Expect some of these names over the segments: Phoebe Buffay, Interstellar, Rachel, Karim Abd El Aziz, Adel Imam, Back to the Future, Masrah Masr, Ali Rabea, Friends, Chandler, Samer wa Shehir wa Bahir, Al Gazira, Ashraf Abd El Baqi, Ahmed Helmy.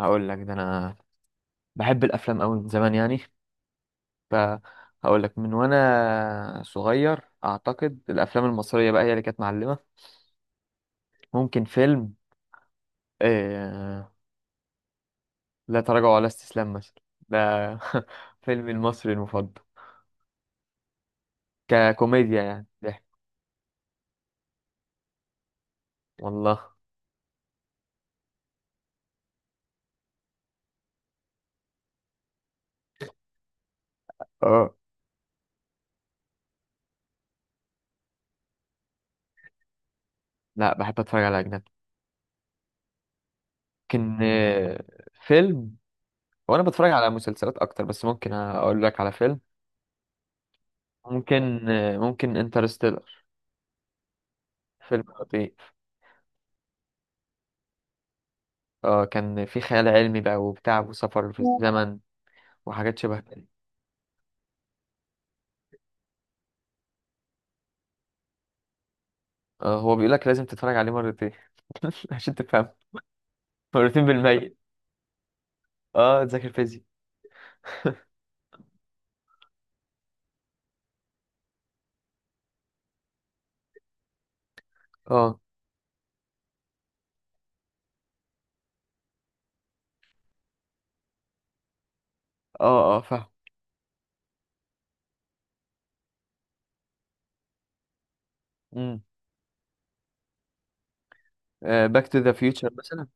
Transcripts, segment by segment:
هقول لك ده انا بحب الافلام قوي من زمان يعني. فهقول لك من وانا صغير اعتقد الافلام المصريه بقى هي اللي كانت معلمه. ممكن فيلم آه... لا تراجع ولا استسلام مثلا. ده فيلمي المصري المفضل، ككوميديا يعني ضحك. والله. اه، لا بحب اتفرج على اجنبي. ممكن فيلم. وانا بتفرج على مسلسلات اكتر، بس ممكن اقول لك على فيلم. ممكن انترستيلر. فيلم خطير. اه، كان في خيال علمي بقى وبتاع وسفر في الزمن وحاجات شبه كده. اه، هو بيقول لك لازم تتفرج عليه مرتين عشان تفهم. مرتين بالمية. اه، تذاكر فيزياء. اه، اه، اه، فاهم. امم باك تو ذا فيوتشر مثلا.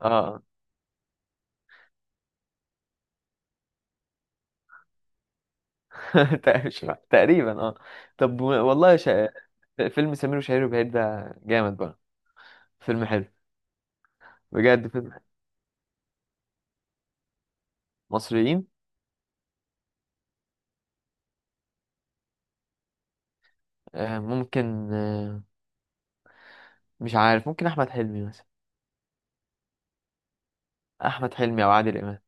اه آه. مش فاهم. تقريبا اه. طب، والله فيلم سمير وشهير وبهير ده جامد بقى. فيلم حلو. بجد فيلم حلو. مصريين. آه، ممكن مش عارف، ممكن احمد حلمي مثلا. احمد حلمي او عادل امام.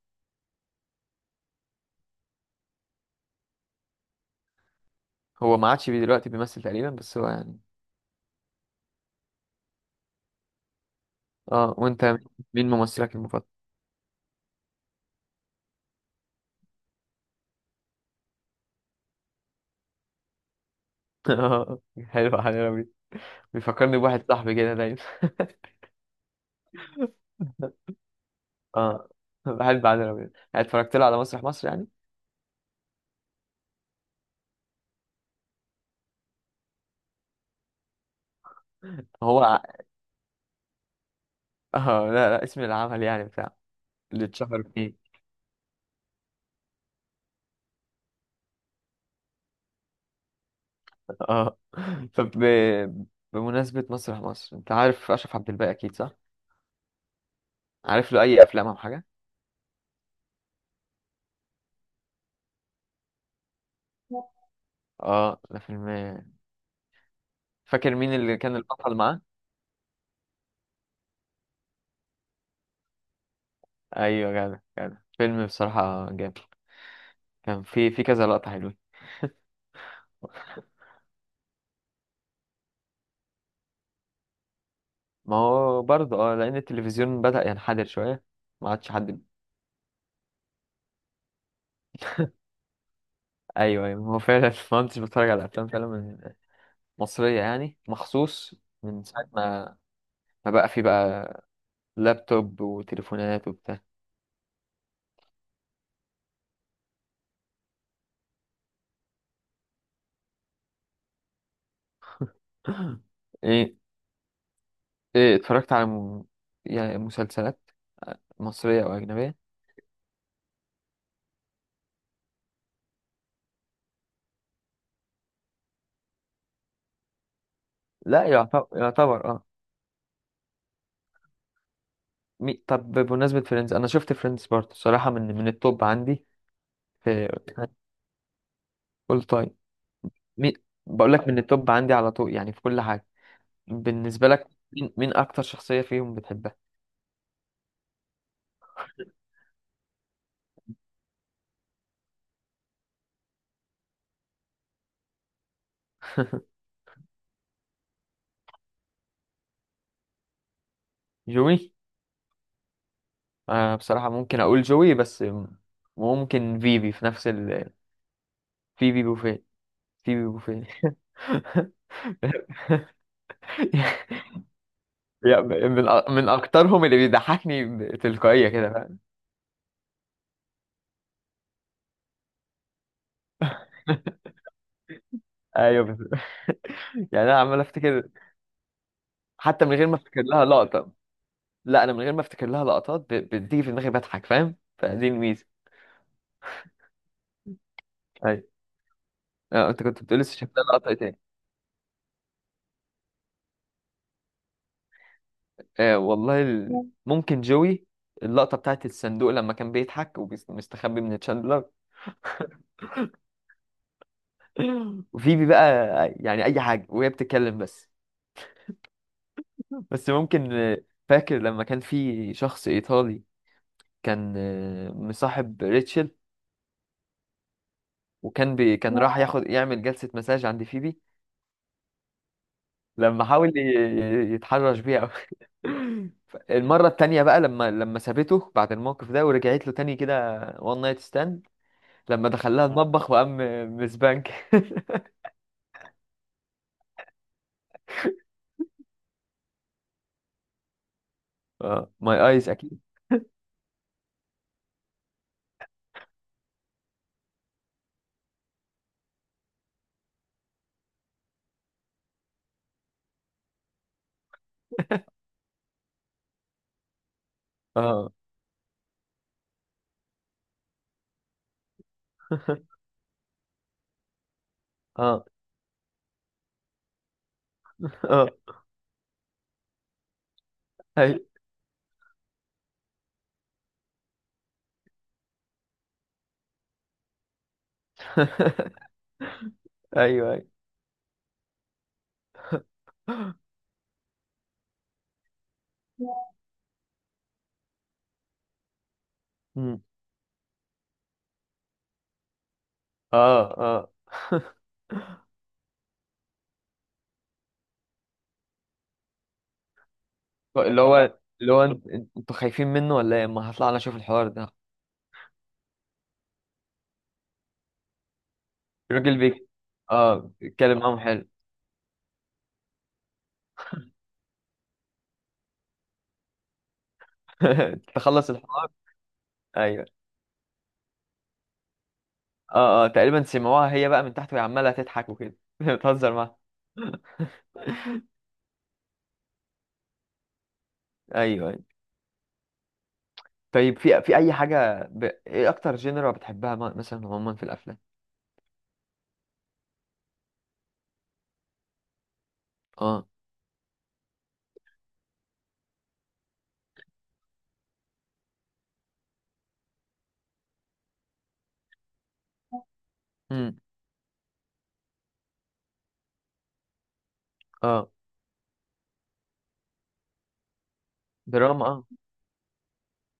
هو ما عادش دلوقتي بيمثل تقريبا بس هو يعني. اه، وانت؟ مين ممثلك المفضل؟ اه. حلو، علي ربيع. بيفكرني بواحد صاحبي كده دايما. اه. بحب علي ربيع، يعني اتفرجت له على مسرح مصر يعني. هو ع- اه، لا لا، اسم العمل يعني بتاع. اللي اتشهر فيه. اه. طب ب- بمناسبة مسرح مصر، انت عارف اشرف عبد الباقي اكيد صح؟ عارف له اي افلام او حاجة؟ اه، ده فيلم. فاكر مين اللي كان البطل معاه؟ ايوه، جدع جدع، فيلم بصراحة جامد. كان في كذا لقطة حلوة. ما هو برضه لأن التلفزيون بدأ ينحدر شوية. ما عادش حد أيوه، أيوه، هو فعلا ما كنتش بتفرج على أفلام فعلا من، مصرية يعني مخصوص. من ساعة ما بقى في بقى لابتوب وتليفونات وبتاع. إيه. إيه، اتفرجت على يعني مسلسلات؟ آه، مصرية أو أجنبية؟ لا يعتبر، يعتبر اه. طب، بمناسبة فريندز، أنا شفت فريندز برضه صراحة من التوب عندي. في أول تايم. مين؟ بقول لك من التوب عندي على طول، يعني في كل حاجة. بالنسبة لك مين أكتر شخصية فيهم بتحبها؟ جوي. بصراحة ممكن أقول جوي، بس ممكن فيبي في نفس فيبي بوفيه. فيبي بوفيه يعني من أكترهم اللي بيضحكني، تلقائية كده فاهم. ايوه بس يعني انا عمال افتكر. حتى من غير ما افتكر لها لقطه. لا، انا من غير ما افتكر لها لقطات بتيجي في دماغي بضحك فاهم، فدي الميزه. أيوه. اه، انت كنت بتقول لسه شايف لها لقطة إيه تاني؟ اه، والله ممكن جوي. اللقطة بتاعت الصندوق لما كان بيضحك ومستخبي من تشاندلر. وفيبي بقى، يعني أي حاجة وهي بتتكلم بس. بس ممكن. فاكر لما كان في شخص إيطالي. كان مصاحب ريتشل. وكان بي... كان راح ياخد يعمل جلسة مساج عند فيبي. لما حاول يتحرش بيها. أوي. المرة التانية بقى لما سابته بعد الموقف ده ورجعت له تاني كده وان نايت ستاند. لما دخلها المطبخ وقام. مسبانك اه، ماي ايز اكيد. اه اه، اه. ايوه ايوه، ايوه. مم. اه، اه. اللي هو انتوا خايفين منه ولا ايه؟ ما هطلع انا اشوف الحوار ده. الراجل بيك. اه، اتكلم معاهم حلو. تخلص الحوار. ايوه. اه، اه، تقريبا سمعوها هي بقى من تحت وهي عماله تضحك وكده بتهزر معاها. ايوه، ايوه. طيب، في اي حاجه ايه اكتر جينرا بتحبها مثلا عموما في الافلام؟ اه. امم اه. دراما اه.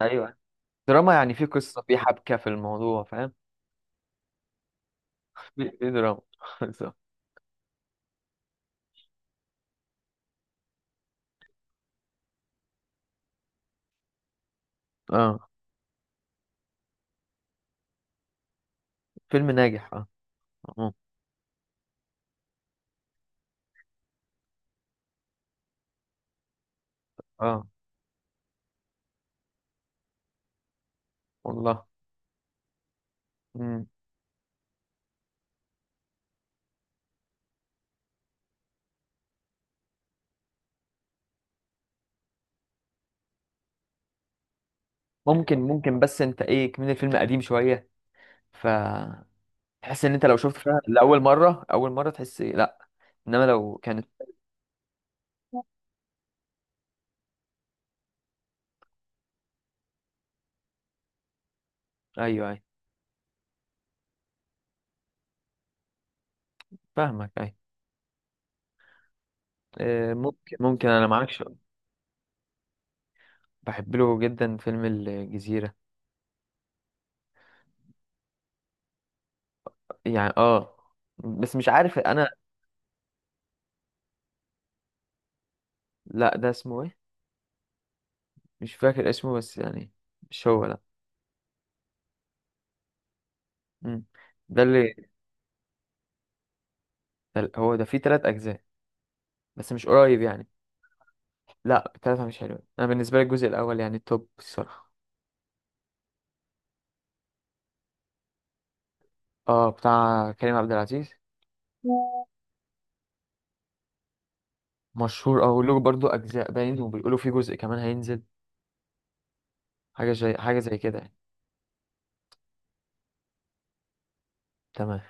ايوه، دراما يعني في قصة في حبكة في الموضوع فاهم. في دراما بالظبط. اه. فيلم ناجح اه. اه. آه، والله. مم. ممكن بس انت ايه كمان الفيلم قديم شوية. ف تحس ان انت لو شفت فيها لأول مرة، أول مرة تحس إيه، لا. انما لو كانت. ايوه، ايوه، فاهمك ايوه. ممكن انا معاكش. بحب له جدا فيلم الجزيرة. يعني اه. بس مش عارف انا. لا ده اسمه ايه. مش فاكر اسمه بس يعني. مش هو لا. مم. ده اللي ده ال- هو ده فيه تلات أجزاء. بس مش قريب يعني. لا، التلاتة مش حلوة، أنا بالنسبة لي الجزء الأول يعني التوب الصراحة. اه، بتاع كريم عبد العزيز. مشهور اه، وله برضه أجزاء باين وبيقولوا فيه جزء كمان هينزل. حاجة زي كده يعني. تمام.